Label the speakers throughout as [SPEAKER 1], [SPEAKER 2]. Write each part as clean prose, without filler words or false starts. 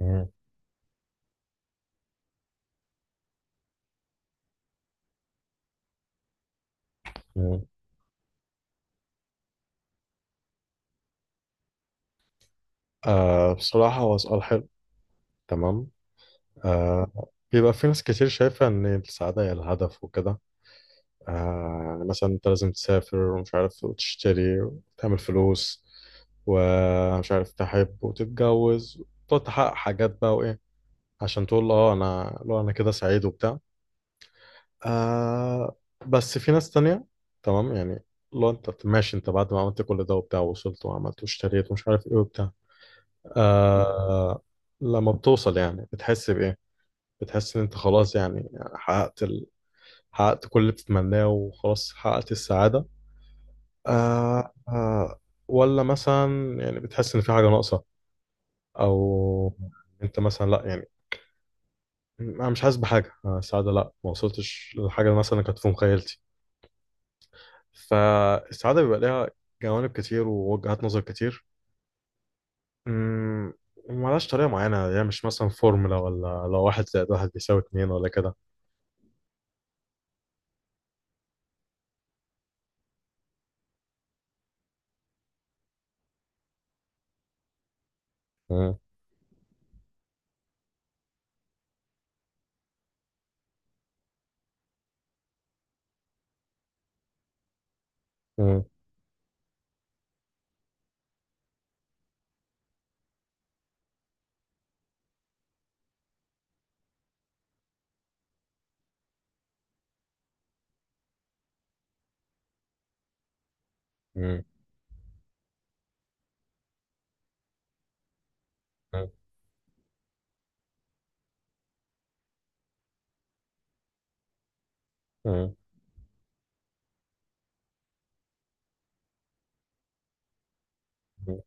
[SPEAKER 1] مم. مم. بصراحة هو سؤال حلو. تمام. آه. بيبقى في ناس كتير شايفة إن السعادة هي الهدف وكده. يعني مثلا أنت لازم تسافر ومش عارف وتشتري وتعمل فلوس ومش عارف تحب وتتجوز وتقعد تحقق حاجات بقى وإيه عشان تقول أه أنا لو أنا كده سعيد وبتاع. آه. بس في ناس تانية، تمام يعني، لو أنت ماشي أنت بعد ما عملت كل ده وبتاع ووصلت وعملت واشتريت ومش عارف إيه وبتاع، آه لما بتوصل يعني بتحس بإيه؟ بتحس إن أنت خلاص يعني حققت حققت كل اللي بتتمناه وخلاص حققت السعادة. آه، آه. ولا مثلا يعني بتحس إن في حاجة ناقصة أو أنت مثلا لأ، يعني أنا مش حاسس بحاجة. السعادة لأ، ما وصلتش للحاجة مثلا كانت في مخيلتي. فالسعادة بيبقى ليها جوانب كتير ووجهات نظر كتير. مم، وملهاش طريقة معينة يعني مش مثلا فورمولا ولا لو واحد زائد واحد بيساوي اتنين ولا كده. مم. مم. مم. مم. مم.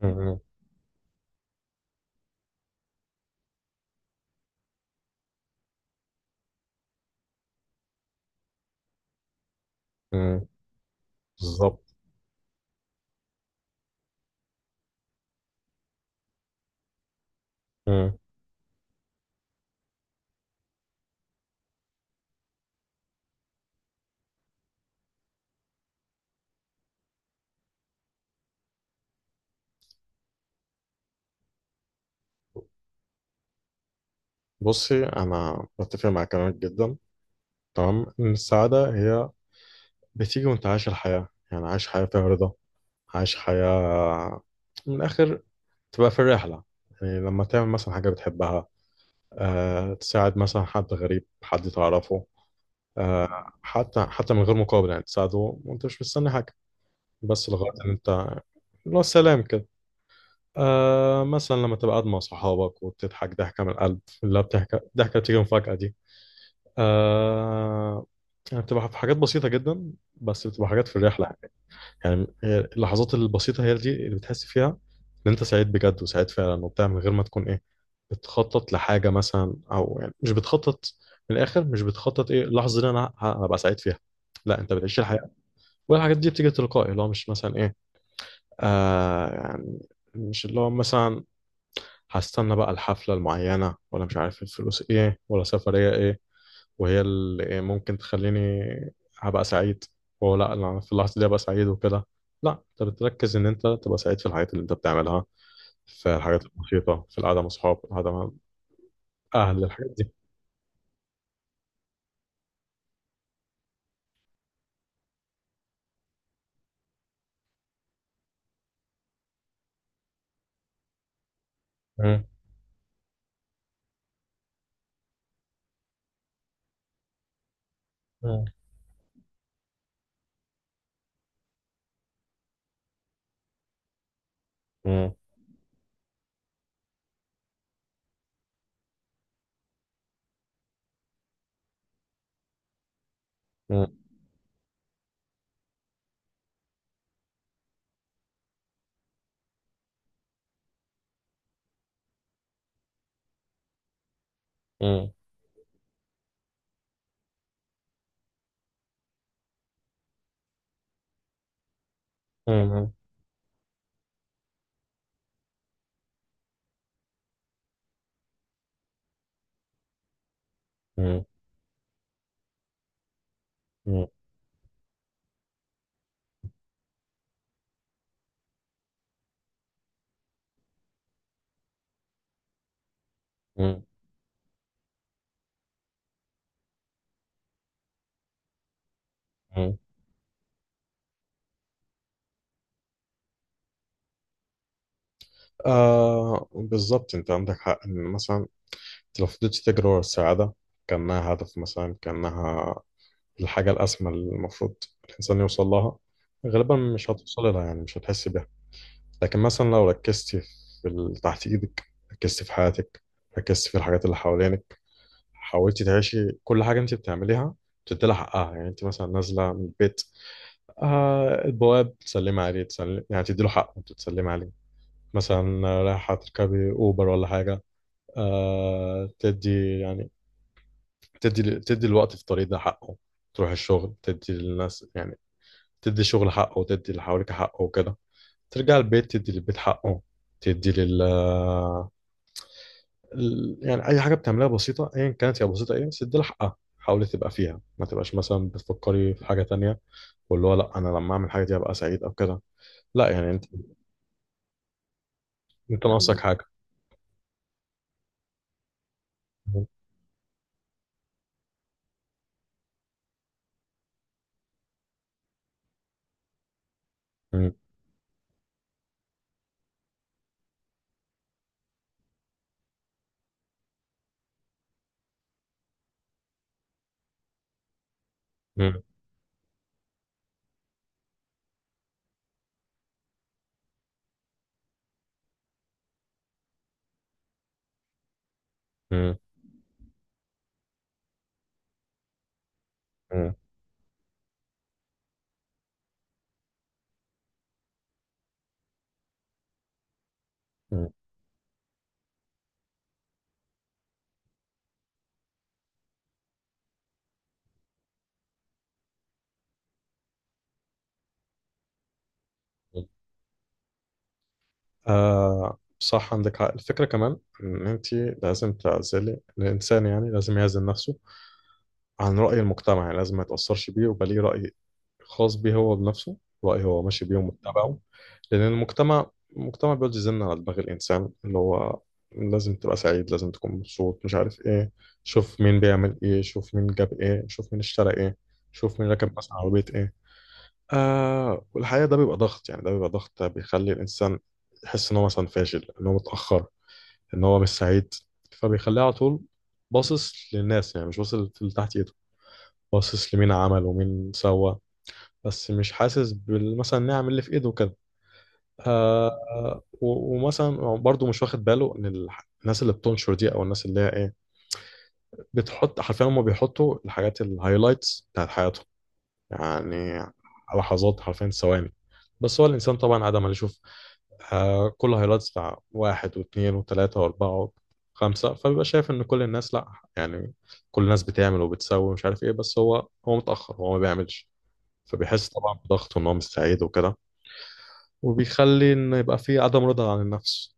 [SPEAKER 1] مم. مم. بالظبط. مم. بصي انا بتفق مع كلامك جدا، تمام. ان السعاده هي بتيجي وانت عايش الحياه، يعني عايش حياه فيها رضا، عايش حياه من الاخر تبقى في الرحله. يعني لما تعمل مثلا حاجه بتحبها، أه تساعد مثلا حد غريب حد تعرفه، أه حتى حتى من غير مقابل يعني تساعده وانت مش مستني حاجه، بس لغايه ان انت اللي هو السلام كده. آه مثلا لما تبقى قاعد مع صحابك وبتضحك ضحكة من القلب اللي هي بتحكي ضحكة بتيجي مفاجأة دي. آه يعني بتبقى في حاجات بسيطة جدا بس بتبقى حاجات في الرحلة. يعني اللحظات البسيطة هي دي اللي بتحس فيها إن أنت سعيد بجد وسعيد فعلا وبتاع من غير ما تكون إيه بتخطط لحاجة مثلا، أو يعني مش بتخطط، من الآخر مش بتخطط إيه اللحظة دي أنا هبقى سعيد فيها، لا أنت بتعيش الحياة. والحاجات دي بتيجي تلقائي اللي هو مش مثلا إيه، آه يعني مش اللي هو مثلا هستنى بقى الحفلة المعينة ولا مش عارف الفلوس ايه ولا سفرية ايه وهي اللي إيه ممكن تخليني هبقى سعيد. وهو لا أنا في اللحظة دي هبقى سعيد وكده، لا انت بتركز ان انت تبقى سعيد في الحاجات اللي انت بتعملها، في الحاجات البسيطة، في القعدة مع اصحاب، القعدة مع اهل، الحاجات دي. مم. مم. مم. مم. مم. مم. مم. مم. مم. مم. آه، بالظبط انت عندك حق. ان مثلا انت لو فضلت تجري ورا السعادة كأنها هدف، مثلا كأنها الحاجة الأسمى اللي المفروض الإنسان يوصل لها، غالبا مش هتوصل لها يعني مش هتحس بيها. لكن مثلا لو ركزتي في اللي تحت إيدك، ركزتي في حياتك، ركزتي في الحاجات اللي حوالينك، حاولتي تعيشي كل حاجة أنت بتعمليها، تدي لها حقها. يعني أنت مثلا نازلة من البيت، آه البواب تسلمي عليه، تسلمي يعني تدي له حقه أنت تسلمي عليه. مثلا رايحة تركبي أوبر ولا حاجة، آه تدي يعني تدي الوقت في الطريق ده حقه. تروح الشغل تدي للناس، يعني تدي شغل حقه وتدي اللي حواليك حقه وكده. ترجع البيت تدي للبيت حقه، تدي يعني اي حاجه بتعملها بسيطه ايا كانت هي بسيطه ايه بس تدي لها حقها، حاولي تبقى فيها ما تبقاش مثلا بتفكري في حاجه تانية. واللي هو لا انا لما اعمل حاجه دي هبقى سعيد او كده، لا يعني انت ناقصك فاهمة حاجه. م- م- م- م- م- م- م. آه صح عندك حق. الفكره كمان ان انت لازم تعزلي الانسان، يعني لازم يعزل نفسه عن راي المجتمع، يعني لازم ما يتاثرش بيه ويبقى ليه راي خاص بيه هو بنفسه، رأيه هو ماشي بيه ومتبعه. لأن المجتمع بيقعد يزن على دماغ الإنسان اللي هو لازم تبقى سعيد، لازم تكون مبسوط، مش عارف إيه. شوف مين بيعمل إيه، شوف مين جاب إيه، شوف مين اشترى إيه، شوف مين ركب مثلا عربية إيه. آه والحقيقة ده بيبقى ضغط، يعني ده بيبقى ضغط بيخلي الإنسان يحس إن هو مثلا فاشل، إن هو متأخر، إن هو مش سعيد. فبيخليه على طول باصص للناس، يعني مش باصص اللي تحت إيده، باصص لمين عمل ومين سوى، بس مش حاسس مثلا نعم اللي في ايده وكده. آه و- ومثلا برضو مش واخد باله ان الناس اللي بتنشر دي او الناس اللي هي ايه بتحط حرفيا، هم بيحطوا الحاجات الهايلايتس بتاعت حياتهم يعني لحظات حرفيا ثواني. بس هو الانسان طبعا عادة ما يشوف آه كل هايلايتس بتاع واحد واثنين وثلاثة واربعة وخمسة، فبيبقى شايف ان كل الناس، لا يعني كل الناس بتعمل وبتسوي ومش عارف ايه، بس هو متأخر هو ما بيعملش. فبيحس طبعا بضغط ان هو مش سعيد وكده، وبيخلي ان يبقى فيه عدم رضا عن النفس.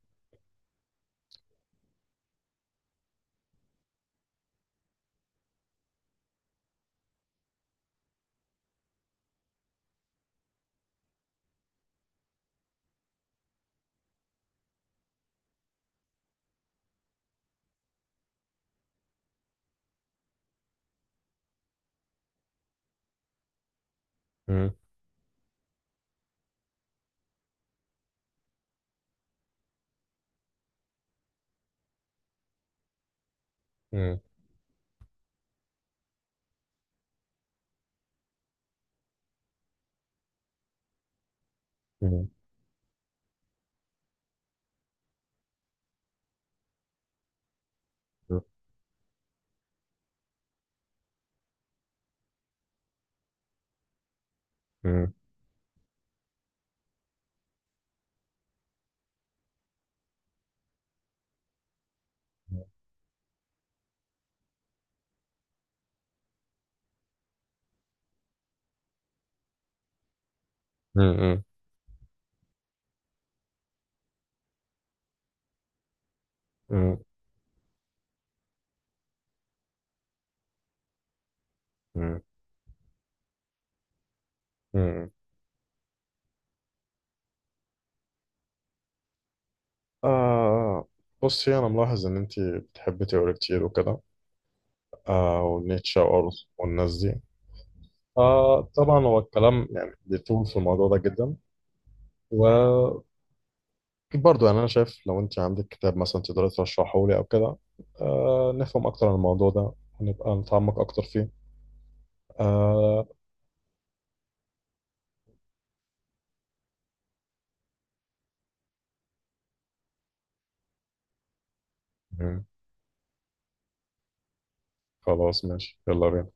[SPEAKER 1] مم. مم. مم. مم. مم. مم. مم. مم. آه بصي انا ملاحظ ان انت بتحبي تقري كتير وكده، آه ونيتشه وارث والناس دي. آه طبعا هو الكلام يعني بيطول في الموضوع ده جدا، وبرضه يعني انا شايف لو انت عندك كتاب مثلا تقدري ترشحه لي او كده، آه نفهم اكتر عن الموضوع ده ونبقى نتعمق اكتر فيه. آه. مم. خلاص ماشي يلا بينا.